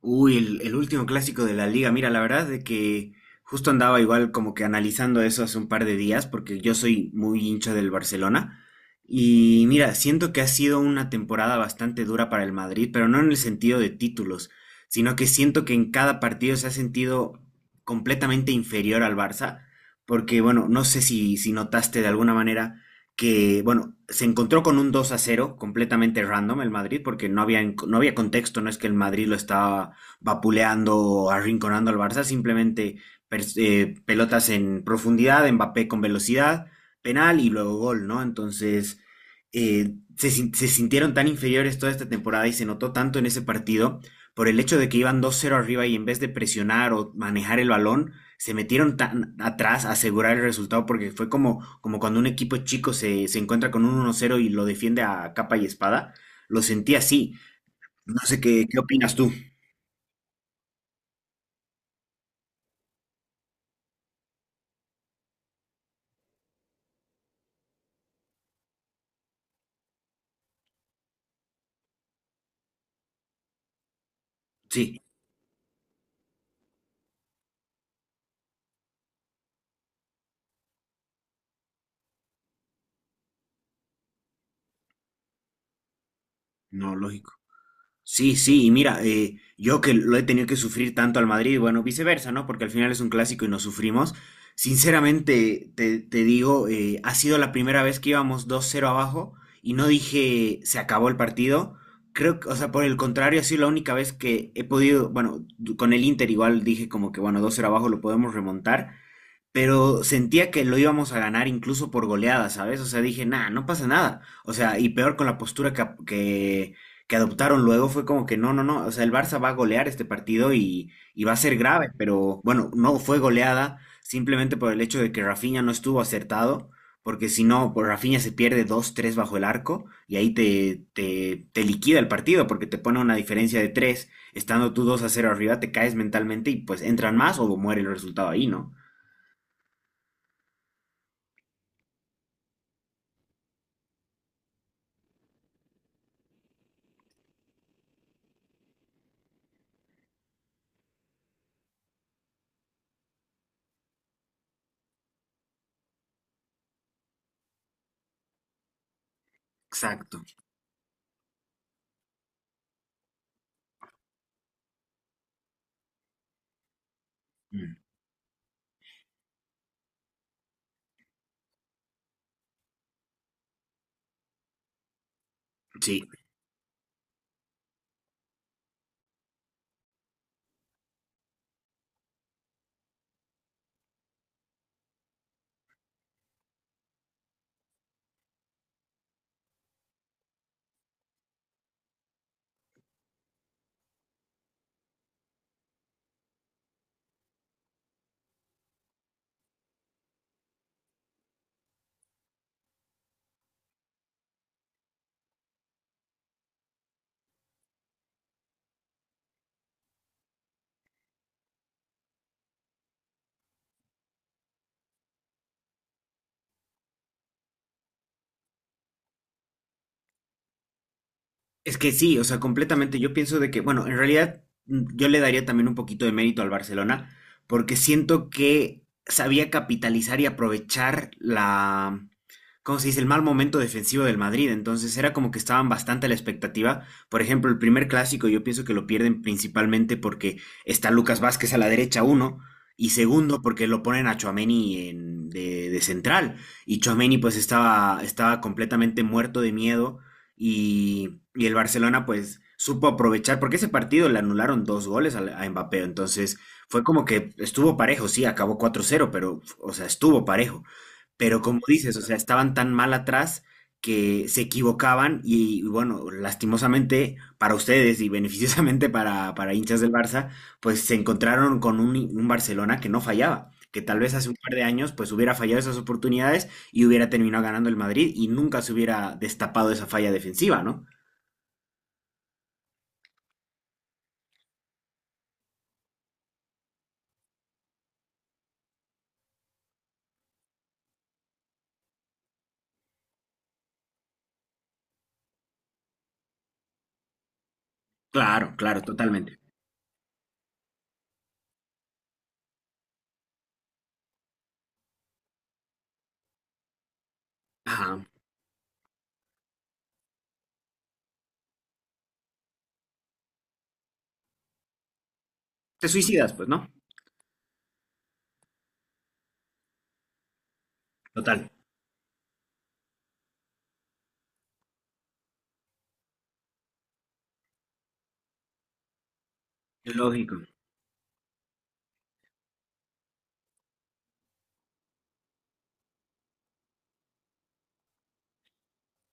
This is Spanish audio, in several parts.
Uy, el último clásico de la liga. Mira, la verdad de que justo andaba igual como que analizando eso hace un par de días, porque yo soy muy hincha del Barcelona. Y mira, siento que ha sido una temporada bastante dura para el Madrid, pero no en el sentido de títulos, sino que siento que en cada partido se ha sentido completamente inferior al Barça, porque bueno, no sé si notaste de alguna manera que, bueno, se encontró con un 2-0 completamente random el Madrid, porque no había contexto, no es que el Madrid lo estaba vapuleando, arrinconando al Barça, simplemente pelotas en profundidad, Mbappé con velocidad, penal y luego gol, ¿no? Entonces, se, sin- se sintieron tan inferiores toda esta temporada y se notó tanto en ese partido por el hecho de que iban 2-0 arriba y en vez de presionar o manejar el balón, se metieron tan atrás a asegurar el resultado porque fue como, como cuando un equipo chico se encuentra con un 1-0 y lo defiende a capa y espada. Lo sentí así. No sé qué, qué opinas tú. Sí. No, lógico. Sí, sí, y mira, yo que lo he tenido que sufrir tanto al Madrid, bueno, viceversa, ¿no? Porque al final es un clásico y nos sufrimos. Sinceramente, te digo, ha sido la primera vez que íbamos 2-0 abajo y no dije se acabó el partido. Creo que, o sea, por el contrario, ha sido la única vez que he podido, bueno, du- con el Inter igual dije como que, bueno, 2-0 abajo lo podemos remontar pero sentía que lo íbamos a ganar incluso por goleada, ¿sabes? O sea, dije, nah, no pasa nada. O sea, y peor con la postura que adoptaron luego fue como que no, no, no, o sea, el Barça va a golear este partido y va a ser grave, pero bueno, no fue goleada simplemente por el hecho de que Rafinha no estuvo acertado, porque si no, pues Rafinha se pierde dos tres bajo el arco y ahí te liquida el partido porque te pone una diferencia de 3, estando tú 2-0 arriba, te caes mentalmente y pues entran más o muere el resultado ahí, ¿no? Exacto. Mm, sí. Es que sí, o sea, completamente. Yo pienso de que, bueno, en realidad yo le daría también un poquito de mérito al Barcelona, porque siento que sabía capitalizar y aprovechar la, ¿cómo se dice?, el mal momento defensivo del Madrid. Entonces era como que estaban bastante a la expectativa. Por ejemplo, el primer clásico yo pienso que lo pierden principalmente porque está Lucas Vázquez a la derecha, uno. Y segundo, porque lo ponen a Tchouaméni de central. Y Tchouaméni pues estaba completamente muerto de miedo y el Barcelona pues supo aprovechar, porque ese partido le anularon dos goles a Mbappé, entonces fue como que estuvo parejo, sí, acabó 4-0 pero, o sea, estuvo parejo. Pero como dices, o sea, estaban tan mal atrás que se equivocaban y, bueno, lastimosamente para ustedes y beneficiosamente para hinchas del Barça, pues se encontraron con un Barcelona que no fallaba, que tal vez hace un par de años pues hubiera fallado esas oportunidades y hubiera terminado ganando el Madrid y nunca se hubiera destapado esa falla defensiva, ¿no? Claro, claro, totalmente. Ajá. Te suicidas, pues, ¿no? Total. Lógico.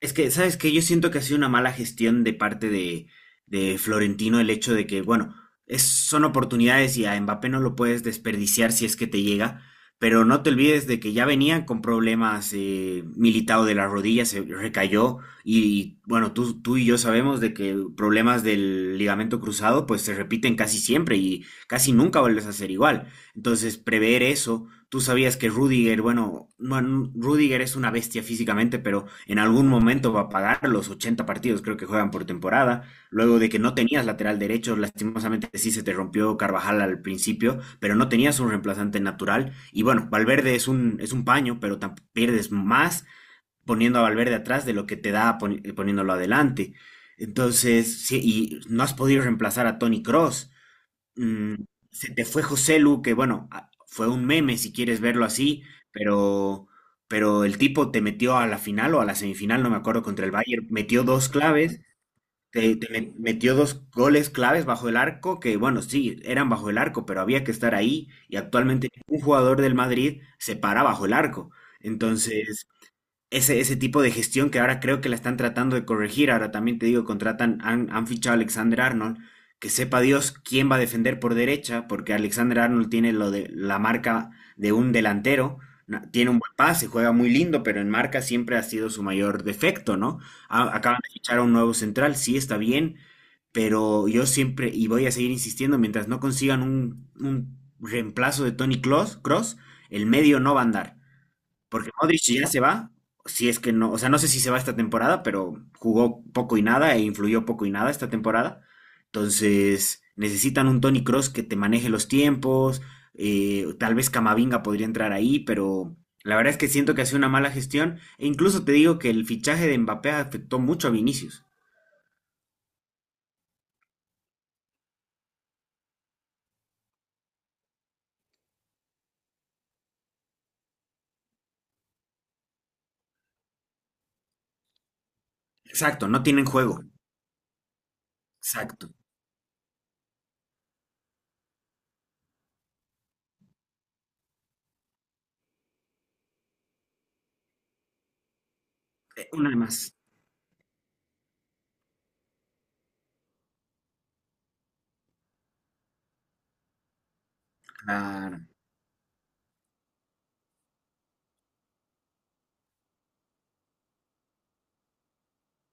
Es que, ¿sabes qué? Yo siento que ha sido una mala gestión de parte de Florentino el hecho de que, bueno, es, son oportunidades y a Mbappé no lo puedes desperdiciar si es que te llega, pero no te olvides de que ya venía con problemas militado de las rodillas, se recayó y, bueno, tú y yo sabemos de que problemas del ligamento cruzado pues se repiten casi siempre y casi nunca vuelves a ser igual. Entonces, prever eso. Tú sabías que Rudiger, bueno, no, Rudiger es una bestia físicamente, pero en algún momento va a pagar los 80 partidos, creo que juegan por temporada. Luego de que no tenías lateral derecho, lastimosamente sí se te rompió Carvajal al principio, pero no tenías un reemplazante natural. Y bueno, Valverde es un paño, pero pierdes más poniendo a Valverde atrás de lo que te da poniéndolo adelante. Entonces, sí, y no has podido reemplazar a Tony Cross. Mm, Se te fue José Lu, que bueno, fue un meme si quieres verlo así, pero, pero el tipo te metió a la final o a la semifinal, no me acuerdo, contra el Bayern, metió dos claves, metió dos goles claves bajo el arco, que bueno, sí, eran bajo el arco, pero había que estar ahí y actualmente ningún jugador del Madrid se para bajo el arco. Entonces, ese tipo de gestión que ahora creo que la están tratando de corregir. Ahora también te digo, han fichado a Alexander Arnold, que sepa Dios quién va a defender por derecha, porque Alexander Arnold tiene lo de la marca de un delantero, tiene un buen pase, juega muy lindo, pero en marca siempre ha sido su mayor defecto, ¿no? Acaban de fichar a un nuevo central, sí está bien, pero yo siempre, y voy a seguir insistiendo, mientras no consigan un reemplazo de Tony Kroos, el medio no va a andar. Porque Modric ya se va, si es que no, o sea, no sé si se va esta temporada, pero jugó poco y nada e influyó poco y nada esta temporada. Entonces, necesitan un Tony Cross que te maneje los tiempos, tal vez Camavinga podría entrar ahí, pero la verdad es que siento que hace una mala gestión e incluso te digo que el fichaje de Mbappé afectó mucho a Vinicius. Exacto, no tienen juego. Exacto. Una más. Claro,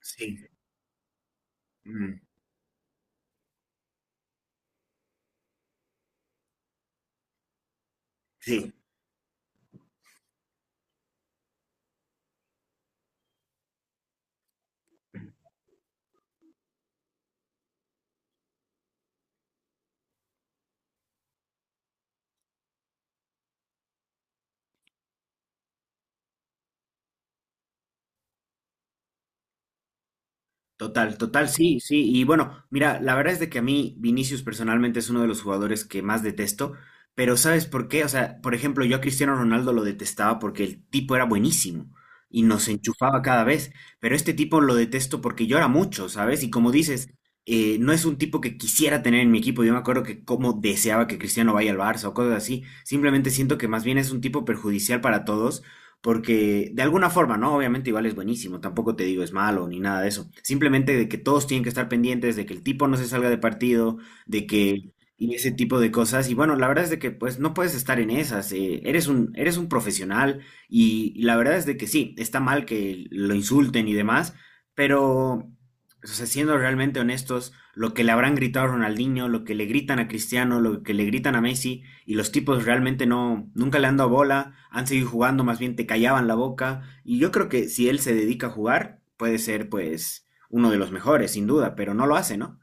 sí. Mm, sí. Total, total, sí, sí. Y bueno, mira, la verdad es de que a mí Vinicius personalmente es uno de los jugadores que más detesto, pero ¿sabes por qué? O sea, por ejemplo, yo a Cristiano Ronaldo lo detestaba porque el tipo era buenísimo y nos enchufaba cada vez, pero este tipo lo detesto porque llora mucho, ¿sabes? Y como dices, no es un tipo que quisiera tener en mi equipo. Yo me acuerdo que como deseaba que Cristiano vaya al Barça o cosas así. Simplemente siento que más bien es un tipo perjudicial para todos porque de alguna forma, ¿no? Obviamente igual es buenísimo, tampoco te digo es malo ni nada de eso. Simplemente de que todos tienen que estar pendientes, de que el tipo no se salga de partido, de que y ese tipo de cosas. Y bueno, la verdad es de que pues no puedes estar en esas. Eres un profesional y la verdad es de que sí, está mal que lo insulten y demás, pero o sea, siendo realmente honestos, lo que le habrán gritado a Ronaldinho, lo que le gritan a Cristiano, lo que le gritan a Messi, y los tipos realmente no, nunca le han dado bola, han seguido jugando, más bien te callaban la boca, y yo creo que si él se dedica a jugar, puede ser pues uno de los mejores, sin duda, pero no lo hace, ¿no?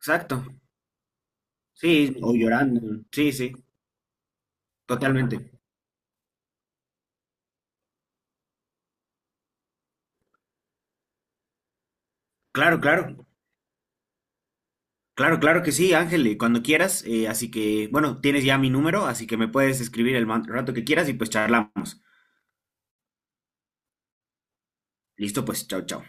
Exacto, sí, o llorando, sí, sí, totalmente. Claro, claro, claro, claro que sí, Ángel, y cuando quieras, así que, bueno, tienes ya mi número, así que me puedes escribir el man- rato que quieras y pues charlamos. Listo, pues, chao, chao.